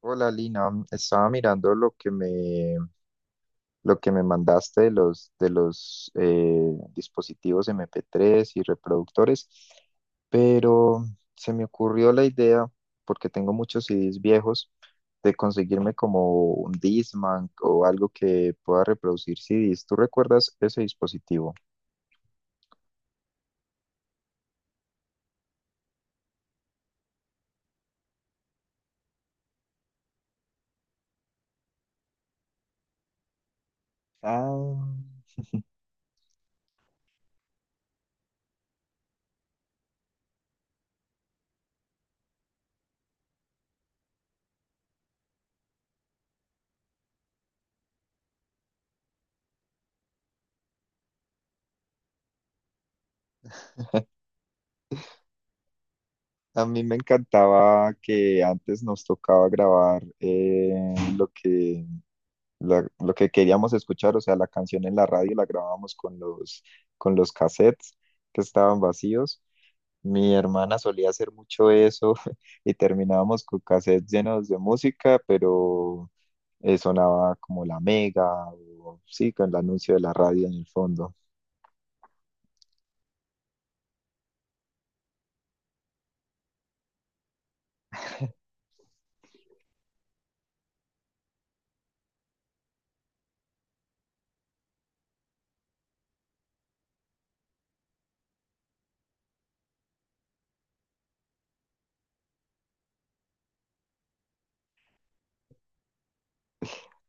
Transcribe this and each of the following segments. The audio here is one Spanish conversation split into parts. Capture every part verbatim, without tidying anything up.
Hola Lina. Mm, estaba mirando lo que me, lo que me mandaste de los, de los eh, dispositivos M P tres y reproductores. Pero se me ocurrió la idea, porque tengo muchos C Ds viejos, de conseguirme como un Discman o algo que pueda reproducir C Ds. ¿Tú recuerdas ese dispositivo? Ah, a mí me encantaba que antes nos tocaba grabar eh, lo que la- lo que queríamos escuchar. O sea, la canción en la radio la grabábamos con los, con los cassettes que estaban vacíos. Mi hermana solía hacer mucho eso y terminábamos con cassettes llenos de música, pero eh, sonaba como la Mega, o sí, con el anuncio de la radio en el fondo.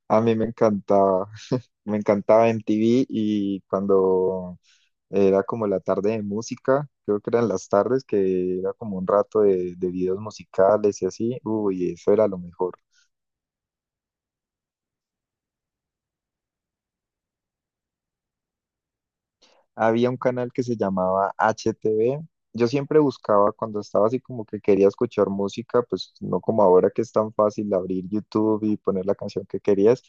A mí me encantaba, me encantaba M T V. Y cuando Era como la tarde de música. Creo que eran las tardes, que era como un rato de, de videos musicales y así. Uy, eso era lo mejor. Había un canal que se llamaba H T V. Yo siempre buscaba cuando estaba así como que quería escuchar música, pues no como ahora que es tan fácil abrir YouTube y poner la canción que querías.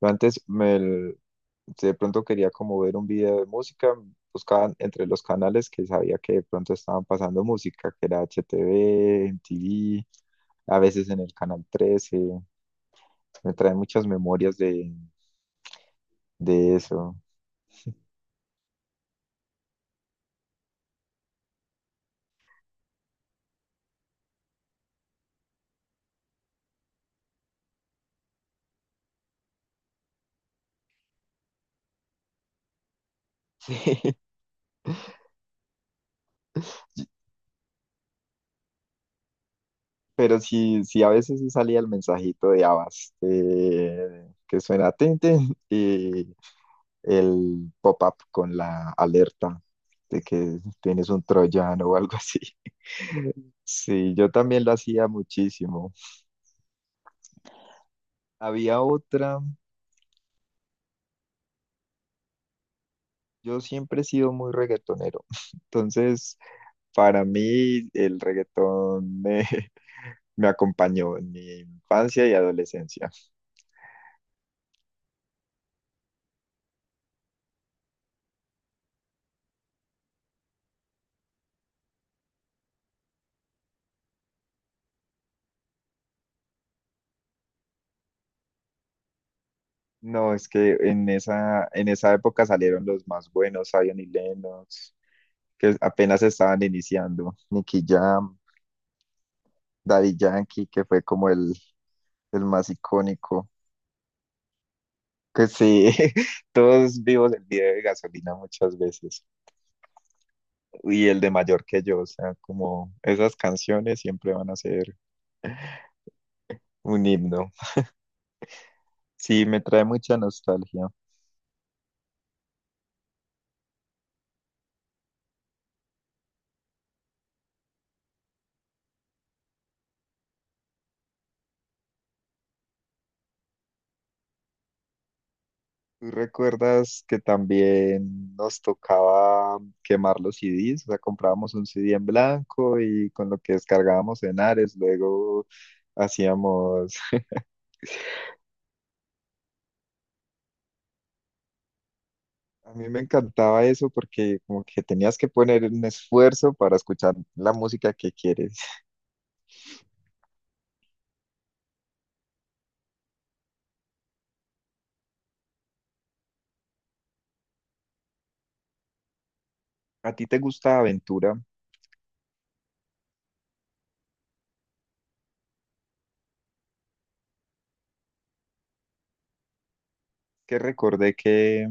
Yo antes me, si de pronto quería como ver un video de música, buscaban entre los canales que sabía que de pronto estaban pasando música, que era H T V, M T V. A veces en el Canal trece, me trae muchas memorias de, de eso. Sí. Pero sí, sí, a veces sí salía el mensajito de Avas, eh, que suena tinte y el pop-up con la alerta de que tienes un troyano o algo así. Sí, yo también lo hacía muchísimo. Había otra, yo siempre he sido muy reggaetonero, entonces para mí el reggaetón eh, me acompañó en mi infancia y adolescencia. No, es que en esa, en esa época salieron los más buenos: Zion y Lennox, que apenas estaban iniciando, Nicky Jam, Daddy Yankee, que fue como el, el más icónico. Que sí, todos vivos el video de gasolina muchas veces. Y el de mayor que yo, o sea, como esas canciones siempre van a ser un himno. Sí, me trae mucha nostalgia. ¿Tú recuerdas que también nos tocaba quemar los C Ds? O sea, comprábamos un C D en blanco y con lo que descargábamos en Ares, luego hacíamos... A mí me encantaba eso porque como que tenías que poner un esfuerzo para escuchar la música que quieres. ¿A ti te gusta Aventura? Que recordé que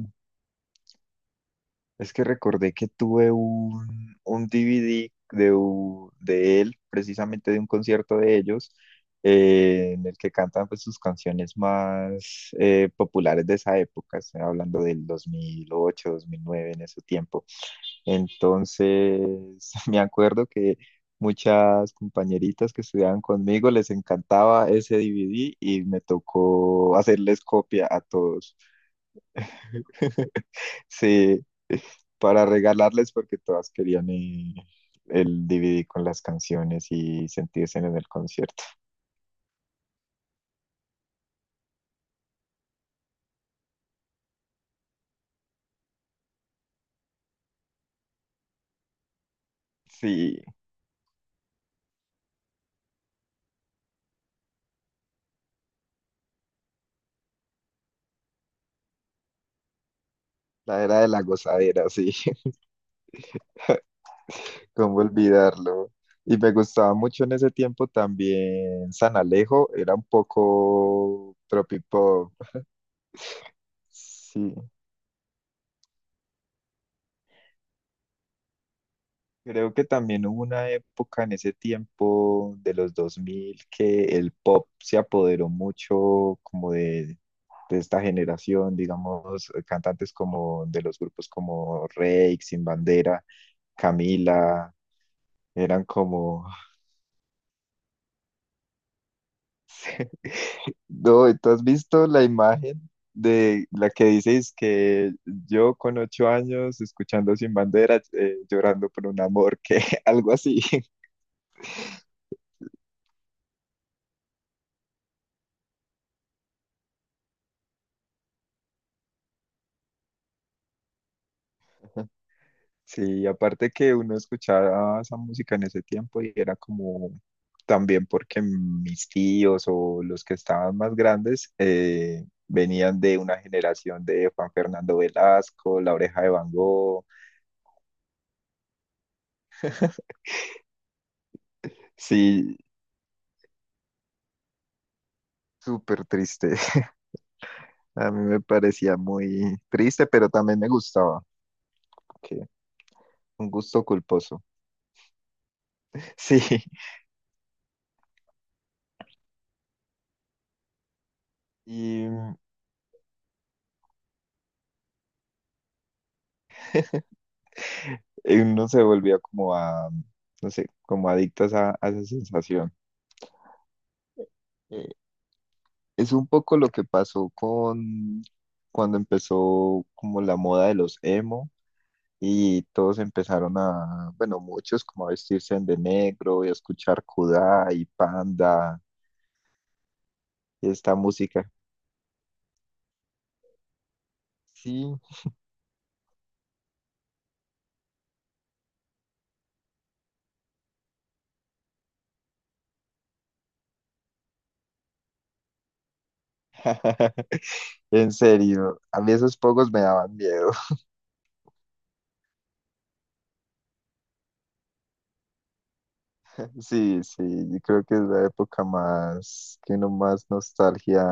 Es que recordé que tuve un, un D V D de, u- de él, precisamente de un concierto de ellos, eh, en el que cantan, pues, sus canciones más eh, populares de esa época. Estoy hablando del dos mil ocho, dos mil nueve, en ese tiempo. Entonces, me acuerdo que muchas compañeritas que estudiaban conmigo les encantaba ese D V D y me tocó hacerles copia a todos. Sí, para regalarles porque todas querían eh, el D V D con las canciones y sentirse en el concierto. Sí, la era de la gozadera, sí, cómo olvidarlo. Y me gustaba mucho en ese tiempo también San Alejo, era un poco tropipop. Sí, creo que también hubo una época en ese tiempo de los dos mil que el pop se apoderó mucho como de de esta generación, digamos, eh, cantantes como de los grupos como Reik, Sin Bandera, Camila, eran como, no, ¿tú has visto la imagen de la que dices que yo con ocho años escuchando Sin Bandera, eh, llorando por un amor, que algo así? Sí, aparte que uno escuchaba esa música en ese tiempo y era como también porque mis tíos o los que estaban más grandes eh, venían de una generación de Juan Fernando Velasco, La Oreja de Van Gogh. Sí, súper triste. A mí me parecía muy triste, pero también me gustaba, que un gusto culposo. Sí, y, y uno se volvía como a, no sé, como adicto a, esa, a esa sensación. Es un poco lo que pasó con cuando empezó como la moda de los emo y todos empezaron a, bueno, muchos como a vestirse de negro y a escuchar Kudai, y Panda y esta música. Sí, en serio, a mí esos pocos me daban miedo. Sí, sí, yo creo que es la época más que uno más nostalgia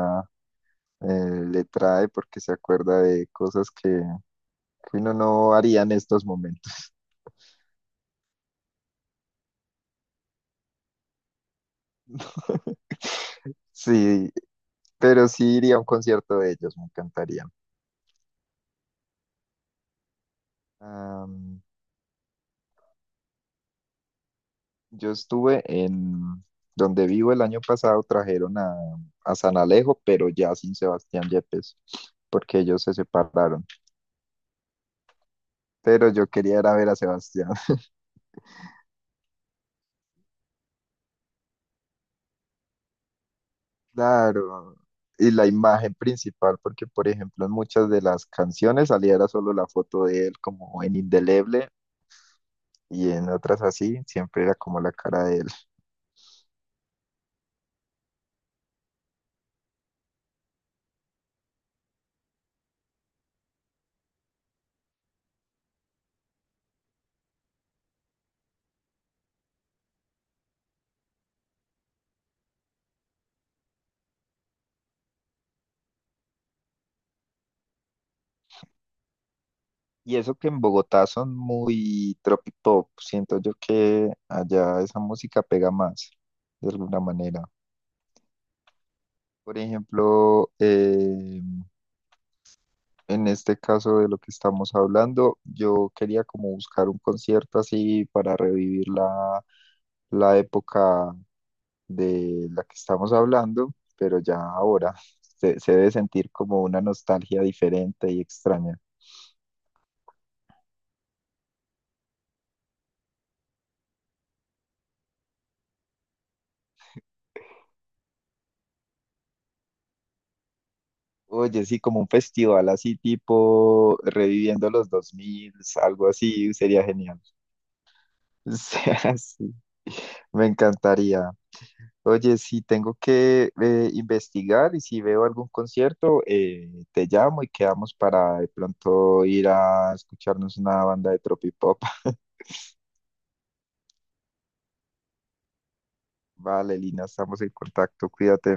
eh, le trae porque se acuerda de cosas que, que uno no haría en estos momentos. Sí, pero sí iría a un concierto de ellos, me encantaría. Am, yo estuve en donde vivo el año pasado, trajeron a, a San Alejo, pero ya sin Sebastián Yepes, porque ellos se separaron. Pero yo quería ir a ver a Sebastián, claro. Y la imagen principal, porque por ejemplo en muchas de las canciones salía era solo la foto de él como en indeleble, y en otras así, siempre era como la cara de él. Y eso que en Bogotá son muy tropipop, siento yo que allá esa música pega más, de alguna manera. Por ejemplo, eh, en este caso de lo que estamos hablando, yo quería como buscar un concierto así para revivir la, la época de la que estamos hablando, pero ya ahora se, se debe sentir como una nostalgia diferente y extraña. Oye, sí, como un festival así tipo reviviendo los dos mil, algo así, sería genial. O sea, sí, me encantaría. Oye, si tengo que eh, investigar y si veo algún concierto, eh, te llamo y quedamos para de pronto ir a escucharnos una banda de tropipop. Vale, Lina, estamos en contacto, cuídate.